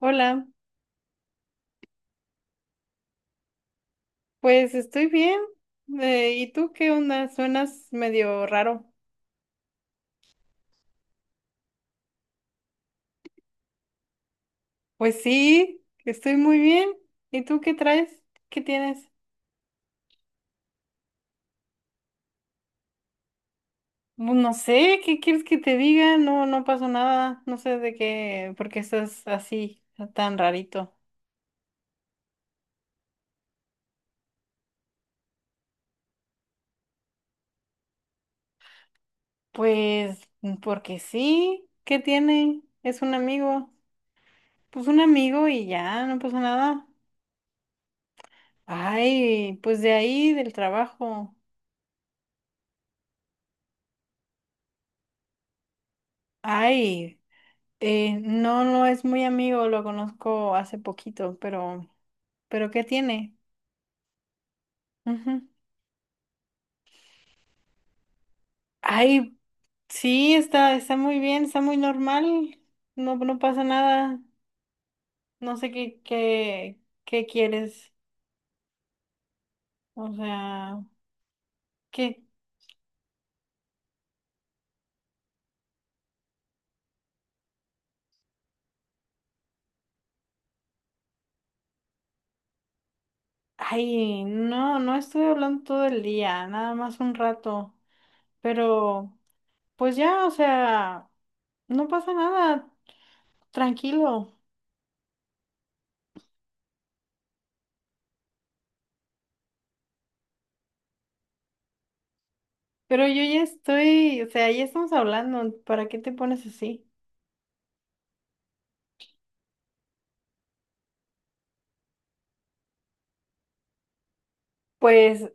Hola, pues estoy bien. ¿Y tú qué onda? Suenas medio raro. Pues sí, estoy muy bien. ¿Y tú qué traes? ¿Qué tienes? No sé, ¿qué quieres que te diga? No, no pasó nada. No sé de qué, por qué estás así, tan rarito. Pues porque sí, ¿qué tiene? Es un amigo. Pues un amigo y ya, no pasó nada. Ay, pues de ahí, del trabajo. Ay. No, no es muy amigo, lo conozco hace poquito, pero ¿qué tiene? Ujú. Ay, sí, está, está muy bien, está muy normal, no, no pasa nada, no sé qué, qué, qué quieres, o sea, qué, ay, no, no estuve hablando todo el día, nada más un rato, pero, pues ya, o sea, no pasa nada, tranquilo. Pero yo ya estoy, o sea, ya estamos hablando, ¿para qué te pones así? Pues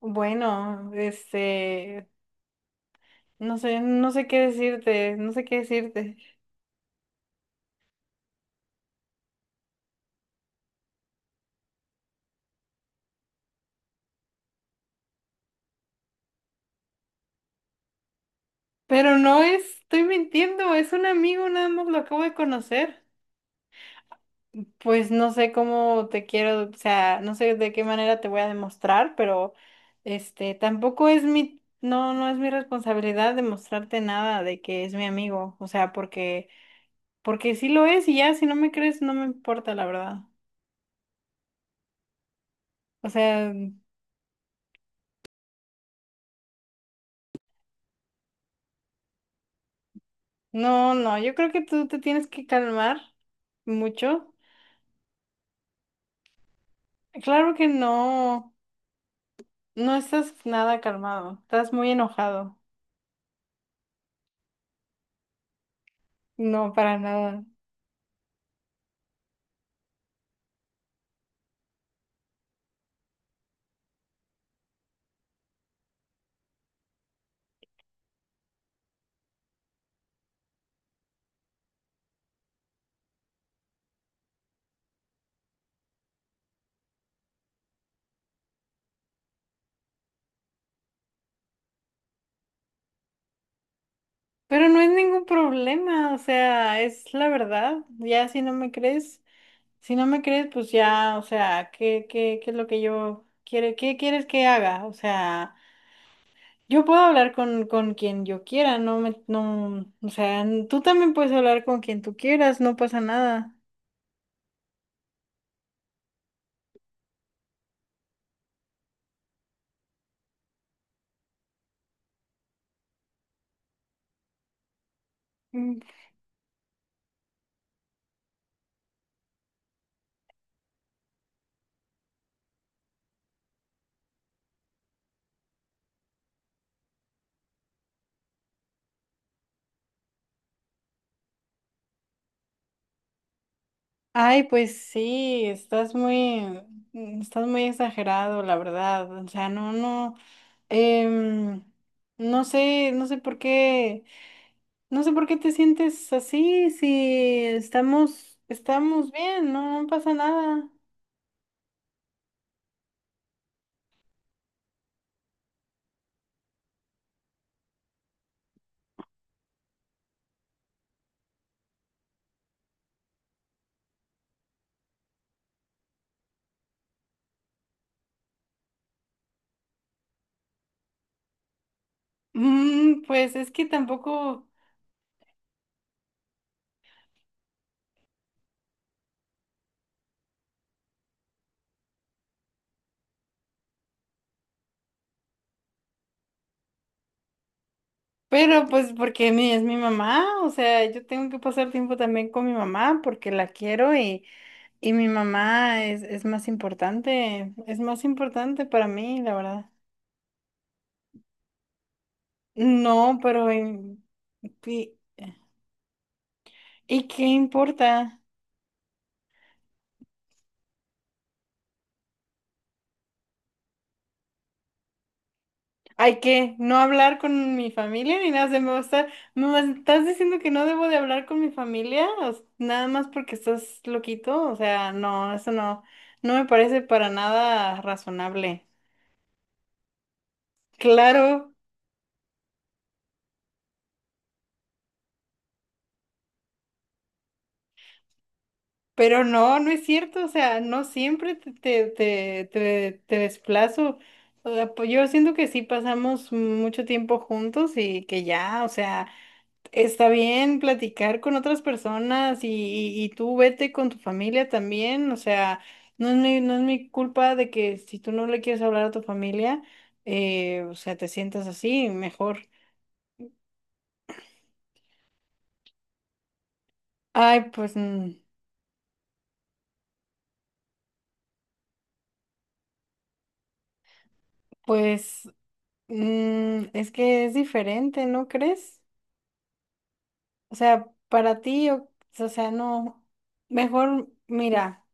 bueno, este, no sé, no sé qué decirte, no sé qué decirte. Pero no es, estoy mintiendo, es un amigo, nada más lo acabo de conocer. Pues no sé cómo te quiero, o sea, no sé de qué manera te voy a demostrar, pero este, tampoco es mi, no, no es mi responsabilidad demostrarte nada de que es mi amigo, o sea, porque, porque sí lo es y ya, si no me crees, no me importa, la verdad. O sea, no, no, yo creo que tú te tienes que calmar mucho. Claro que no, no estás nada calmado, estás muy enojado. No, para nada. Pero no es ningún problema, o sea, es la verdad. Ya si no me crees, si no me crees, pues ya, o sea, ¿qué, qué, qué es lo que yo quiere, qué quieres que haga? O sea, yo puedo hablar con quien yo quiera, no me, no, o sea, tú también puedes hablar con quien tú quieras, no pasa nada. Ay, pues sí, estás muy exagerado, la verdad. O sea, no, no, em, no sé, no sé por qué, no sé por qué te sientes así, si estamos, estamos bien, no, no pasa nada. Pues es que tampoco, pero pues porque mi, es mi mamá, o sea, yo tengo que pasar tiempo también con mi mamá porque la quiero y mi mamá es más importante para mí, la verdad. No, pero ¿y, y qué importa? ¿Hay que no hablar con mi familia ni nada? Se me va a estar- ¿me vas- estás diciendo que no debo de hablar con mi familia? Nada más porque estás loquito. O sea, no, eso no, no me parece para nada razonable. Claro, pero no, no es cierto. O sea, no siempre te, te, te, te desplazo. O sea, pues yo siento que sí pasamos mucho tiempo juntos y que ya, o sea. Está bien platicar con otras personas y, y tú vete con tu familia también, o sea, no es mi, no es mi culpa de que si tú no le quieres hablar a tu familia, o sea, te sientas así, mejor. Ay, pues, pues, es que es diferente, ¿no crees? O sea, para ti, o sea, no, mejor mira.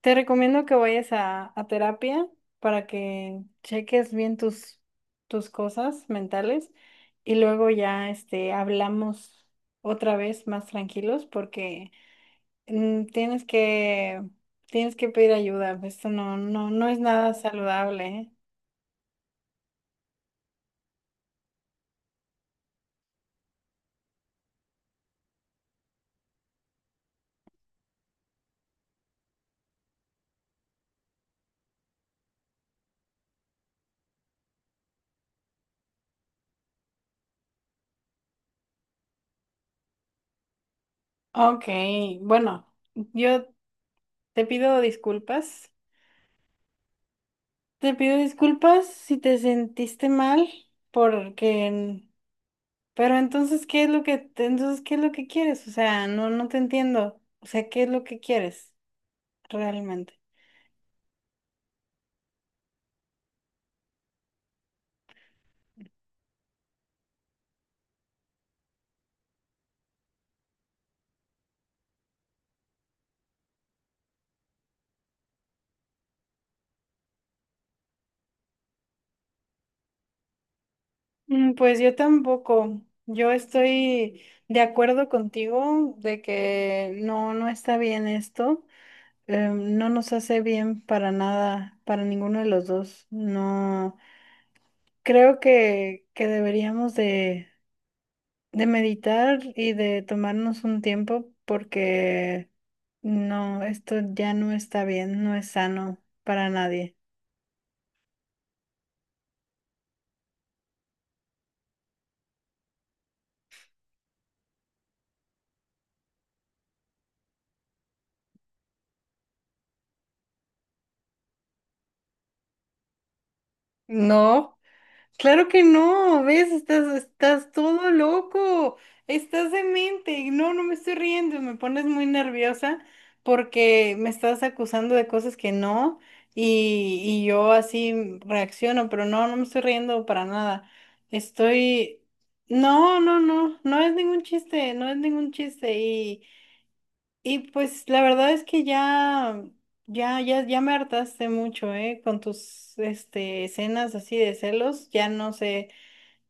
Te recomiendo que vayas a terapia para que cheques bien tus, tus cosas mentales y luego ya este, hablamos otra vez más tranquilos porque mm, tienes que, tienes que pedir ayuda. Esto no, no, no es nada saludable, ¿eh? Ok, bueno, yo te pido disculpas. Te pido disculpas si te sentiste mal porque pero entonces, ¿qué es lo que, entonces, qué es lo que quieres? O sea, no, no te entiendo. O sea, ¿qué es lo que quieres realmente? Pues yo tampoco. Yo estoy de acuerdo contigo de que no, no está bien esto. No nos hace bien para nada, para ninguno de los dos. No, creo que deberíamos de meditar y de tomarnos un tiempo porque no, esto ya no está bien, no es sano para nadie. No. Claro que no, ¿ves? Estás, estás todo loco, estás demente. Y no, no me estoy riendo, me pones muy nerviosa porque me estás acusando de cosas que no y, y yo así reacciono, pero no, no me estoy riendo para nada. Estoy... No, no, no, no es ningún chiste, no es ningún chiste. Y pues la verdad es que ya, ya, ya, ya me hartaste mucho, ¿eh? Con tus, este, escenas así de celos, ya no sé.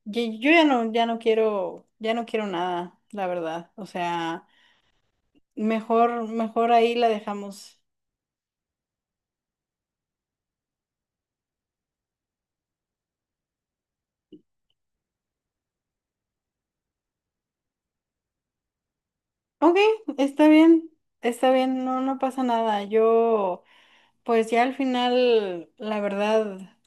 Yo ya no, ya no quiero nada, la verdad. O sea, mejor, mejor ahí la dejamos. Ok, está bien, está bien, no, no pasa nada. Yo, pues ya al final, la verdad,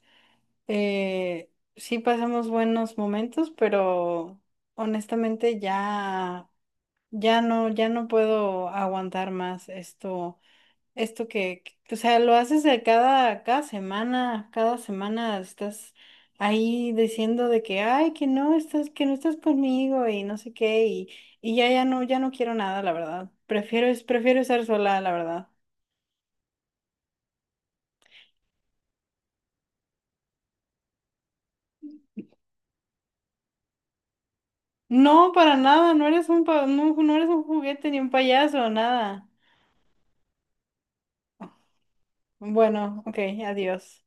sí pasamos buenos momentos, pero honestamente ya, ya no, ya no puedo aguantar más esto. Esto que, o sea, lo haces de cada, cada semana estás ahí diciendo de que, ay, que no estás conmigo y no sé qué, y ya, ya no, ya no quiero nada, la verdad. Prefiero, prefiero estar sola, la verdad. No, para nada, no eres un, no, no eres un juguete ni un payaso, nada. Bueno, ok, adiós.